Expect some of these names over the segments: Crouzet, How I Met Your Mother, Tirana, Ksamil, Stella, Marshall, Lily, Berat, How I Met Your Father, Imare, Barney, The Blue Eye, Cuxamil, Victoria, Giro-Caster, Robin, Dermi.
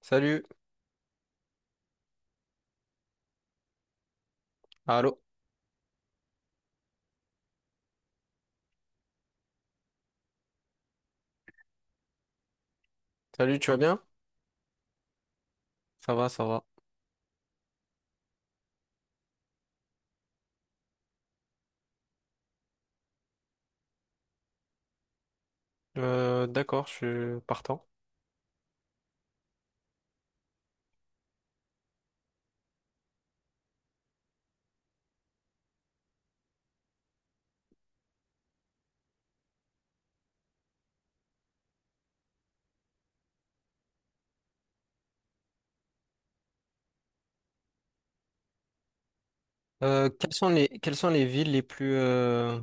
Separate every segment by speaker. Speaker 1: Salut, allô, salut, tu vas bien? Ça va, ça va. D'accord, je suis partant. Quelles sont les villes les plus, euh,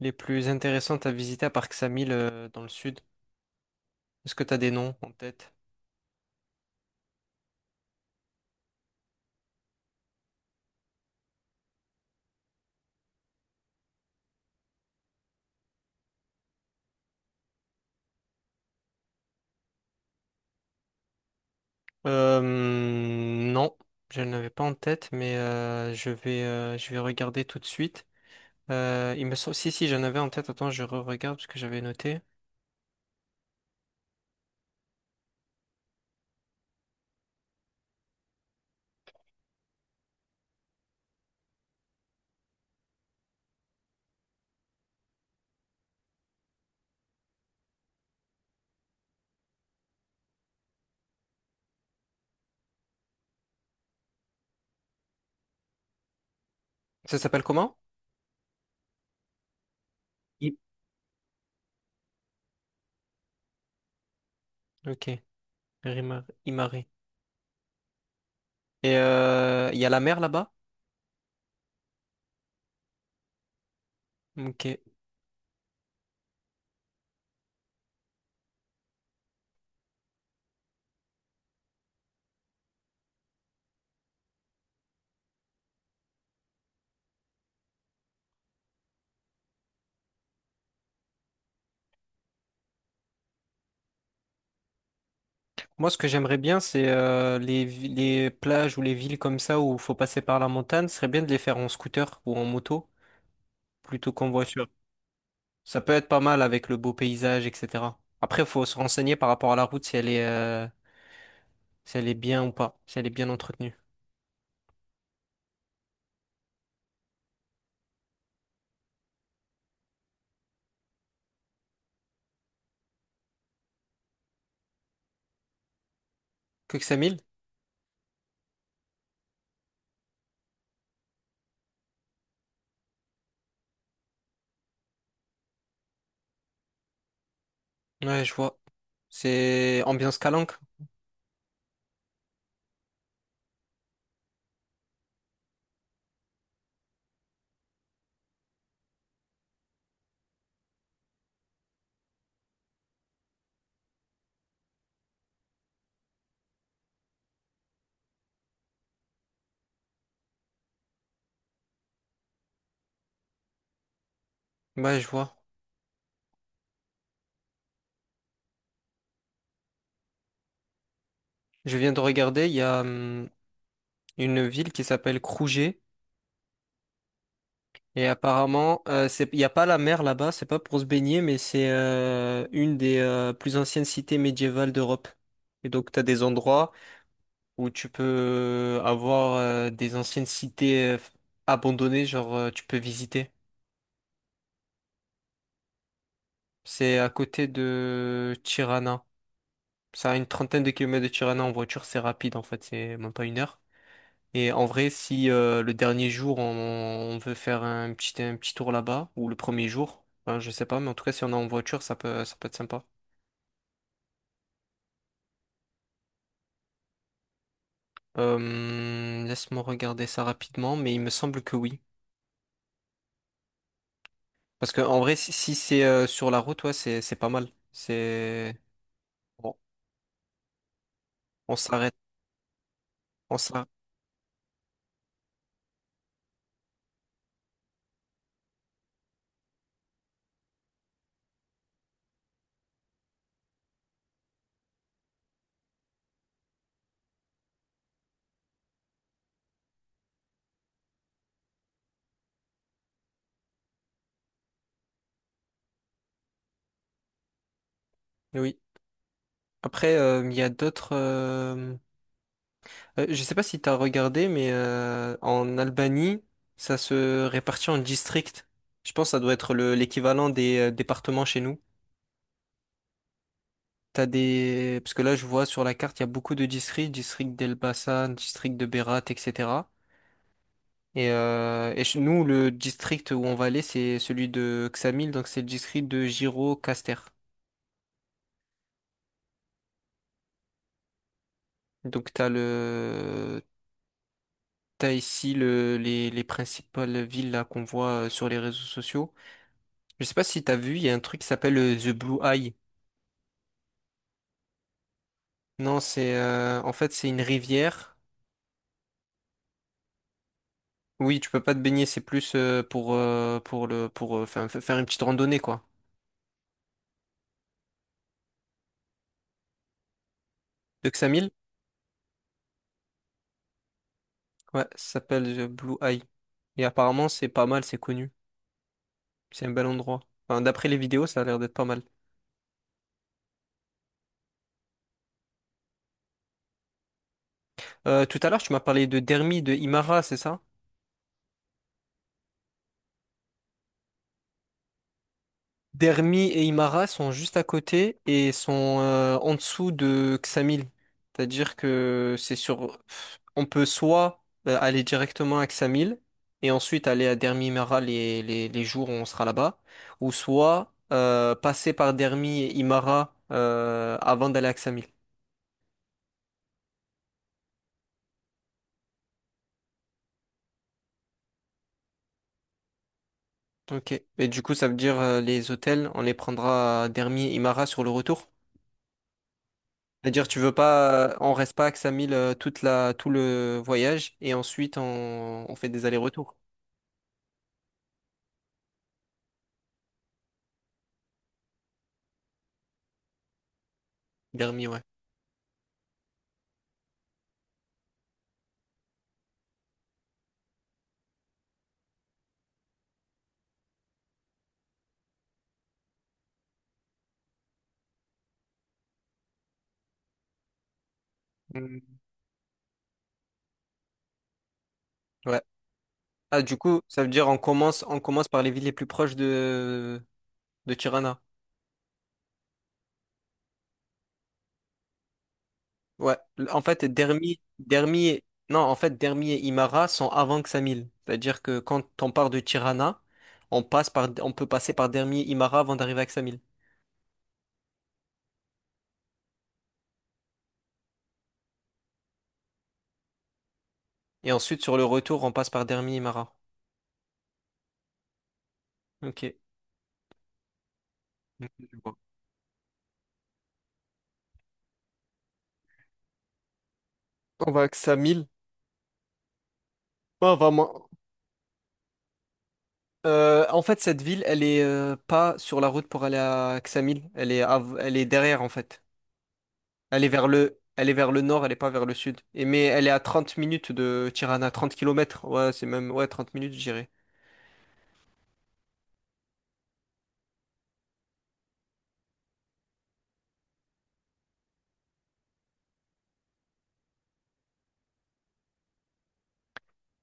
Speaker 1: les plus intéressantes à visiter à part Ksamil dans le sud? Est-ce que tu as des noms en tête? Non, je n'avais pas en tête, mais je vais regarder tout de suite. Il me semble, si, si, j'en avais en tête. Attends, je re-regarde parce que j'avais noté. Ça s'appelle comment? I- Ok, Imare. Et il y a la mer là-bas? Ok. Moi, ce que j'aimerais bien, c'est les plages ou les villes comme ça où il faut passer par la montagne, ce serait bien de les faire en scooter ou en moto plutôt qu'en voiture. Ça peut être pas mal avec le beau paysage, etc. Après, il faut se renseigner par rapport à la route si elle est bien ou pas, si elle est bien entretenue. Cuxamil? Ouais, je vois. C'est ambiance Calanque? Ouais, je vois. Je viens de regarder, il y a une ville qui s'appelle Crouzet. Et apparemment, il n'y a pas la mer là-bas, c'est pas pour se baigner, mais c'est une des plus anciennes cités médiévales d'Europe. Et donc, tu as des endroits où tu peux avoir des anciennes cités abandonnées, genre tu peux visiter. C'est à côté de Tirana. Ça a une trentaine de kilomètres de Tirana en voiture, c'est rapide en fait, c'est même pas une heure. Et en vrai, si le dernier jour, on veut faire un petit tour là-bas, ou le premier jour, enfin, je sais pas, mais en tout cas, si on est en voiture, ça peut être sympa. Laisse-moi regarder ça rapidement, mais il me semble que oui. Parce que en vrai, si c'est sur la route, ouais, c'est pas mal. C'est. Bon, on s'arrête, on s'arrête. Oui. Après, il y a d'autres. Je sais pas si t'as regardé, mais en Albanie, ça se répartit en districts. Je pense que ça doit être l'équivalent des départements chez nous. Parce que là, je vois sur la carte, il y a beaucoup de districts, district d'Elbasan, district de Berat, etc. Et chez nous, le district où on va aller, c'est celui de Ksamil, donc c'est le district de Giro-Caster. Donc t'as ici les principales villes là qu'on voit sur les réseaux sociaux. Je sais pas si t'as vu, il y a un truc qui s'appelle The Blue Eye. Non, c'est en fait c'est une rivière. Oui, tu peux pas te baigner, c'est plus pour faire une petite randonnée quoi. De Xamil? Ouais, ça s'appelle The Blue Eye. Et apparemment c'est pas mal, c'est connu, c'est un bel endroit. Enfin, d'après les vidéos, ça a l'air d'être pas mal. Tout à l'heure, tu m'as parlé de Dermi, de Imara, c'est ça? Dermi et Imara sont juste à côté et sont en dessous de Xamil. C'est-à-dire que c'est sur. On peut soit aller directement à Xamil et ensuite aller à Dermi Imara les jours où on sera là-bas, ou soit passer par Dermi et Imara avant d'aller à Xamil. Ok. Et du coup, ça veut dire les hôtels, on les prendra à Dermi et Imara sur le retour? C'est-à-dire, tu veux pas, on reste pas à Ksamil tout le voyage et ensuite on fait des allers-retours. Dermi, ouais. Mm. Ouais. Ah, du coup, ça veut dire on commence par les villes les plus proches de Tirana. Ouais. En fait, non, en fait, Dermi et Imara sont avant Ksamil. C'est-à-dire que quand on part de Tirana, on peut passer par Dermi et Imara avant d'arriver à Ksamil. Et ensuite, sur le retour, on passe par Dermi et Imara. Ok. Ok, je vois. On va à Ksamil. Ah, en fait, cette ville, elle est pas sur la route pour aller à Ksamil. Elle est derrière, en fait. Elle est vers le nord, elle est pas vers le sud. Et mais elle est à 30 minutes de Tirana, 30 kilomètres. Ouais, c'est même, ouais, 30 minutes, j'irai.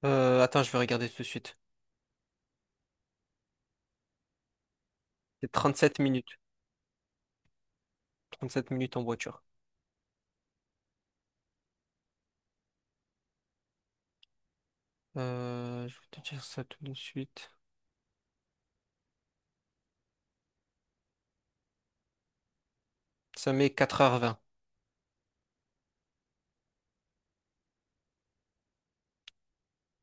Speaker 1: Attends, je vais regarder tout de suite. C'est 37 minutes. 37 minutes en voiture. Je vais te dire ça tout de suite. Ça met 4 h 20.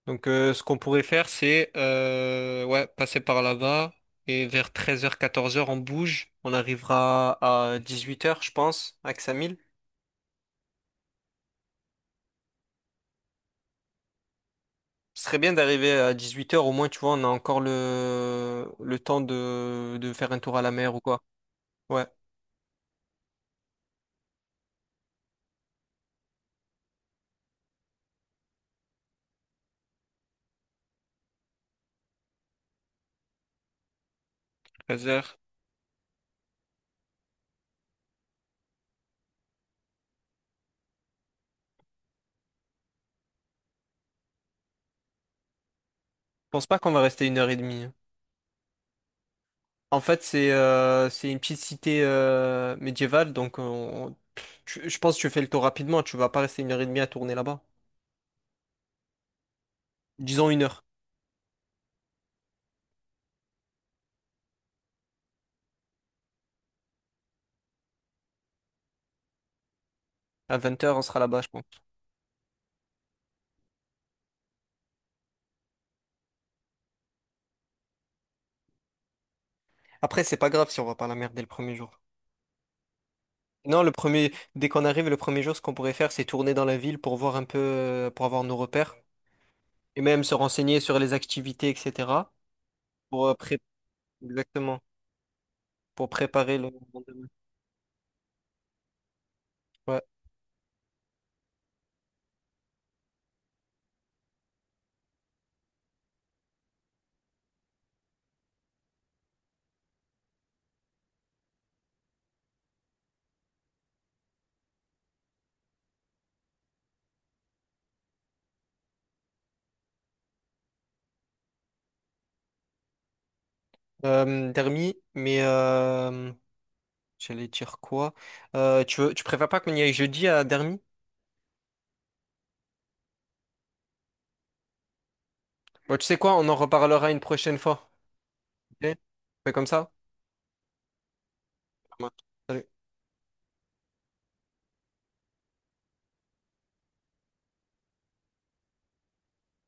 Speaker 1: Donc, ce qu'on pourrait faire, c'est ouais, passer par là-bas et vers 13 h 14 h on bouge. On arrivera à 18 h, je pense, à Ksamil. Ce serait bien d'arriver à 18 h au moins, tu vois, on a encore le temps de faire un tour à la mer ou quoi. Ouais, 13 h. Je pense pas qu'on va rester une heure et demie. Hein. En fait, c'est une petite cité médiévale, donc je pense que tu fais le tour rapidement, tu vas pas rester une heure et demie à tourner là-bas. Disons une heure. À 20 h on sera là-bas, je pense. Après, c'est pas grave si on va pas la merde dès le premier jour. Non, dès qu'on arrive, le premier jour, ce qu'on pourrait faire, c'est tourner dans la ville pour voir un peu, pour avoir nos repères et même se renseigner sur les activités, etc. Pour euh, pré- Exactement, pour préparer le lendemain. Ouais. Dermi, mais j'allais dire quoi? Tu préfères pas qu'on y aille jeudi à Dermi? Bon, tu sais quoi, on en reparlera une prochaine fois. Ok On fait comme ça? Ouais. Salut.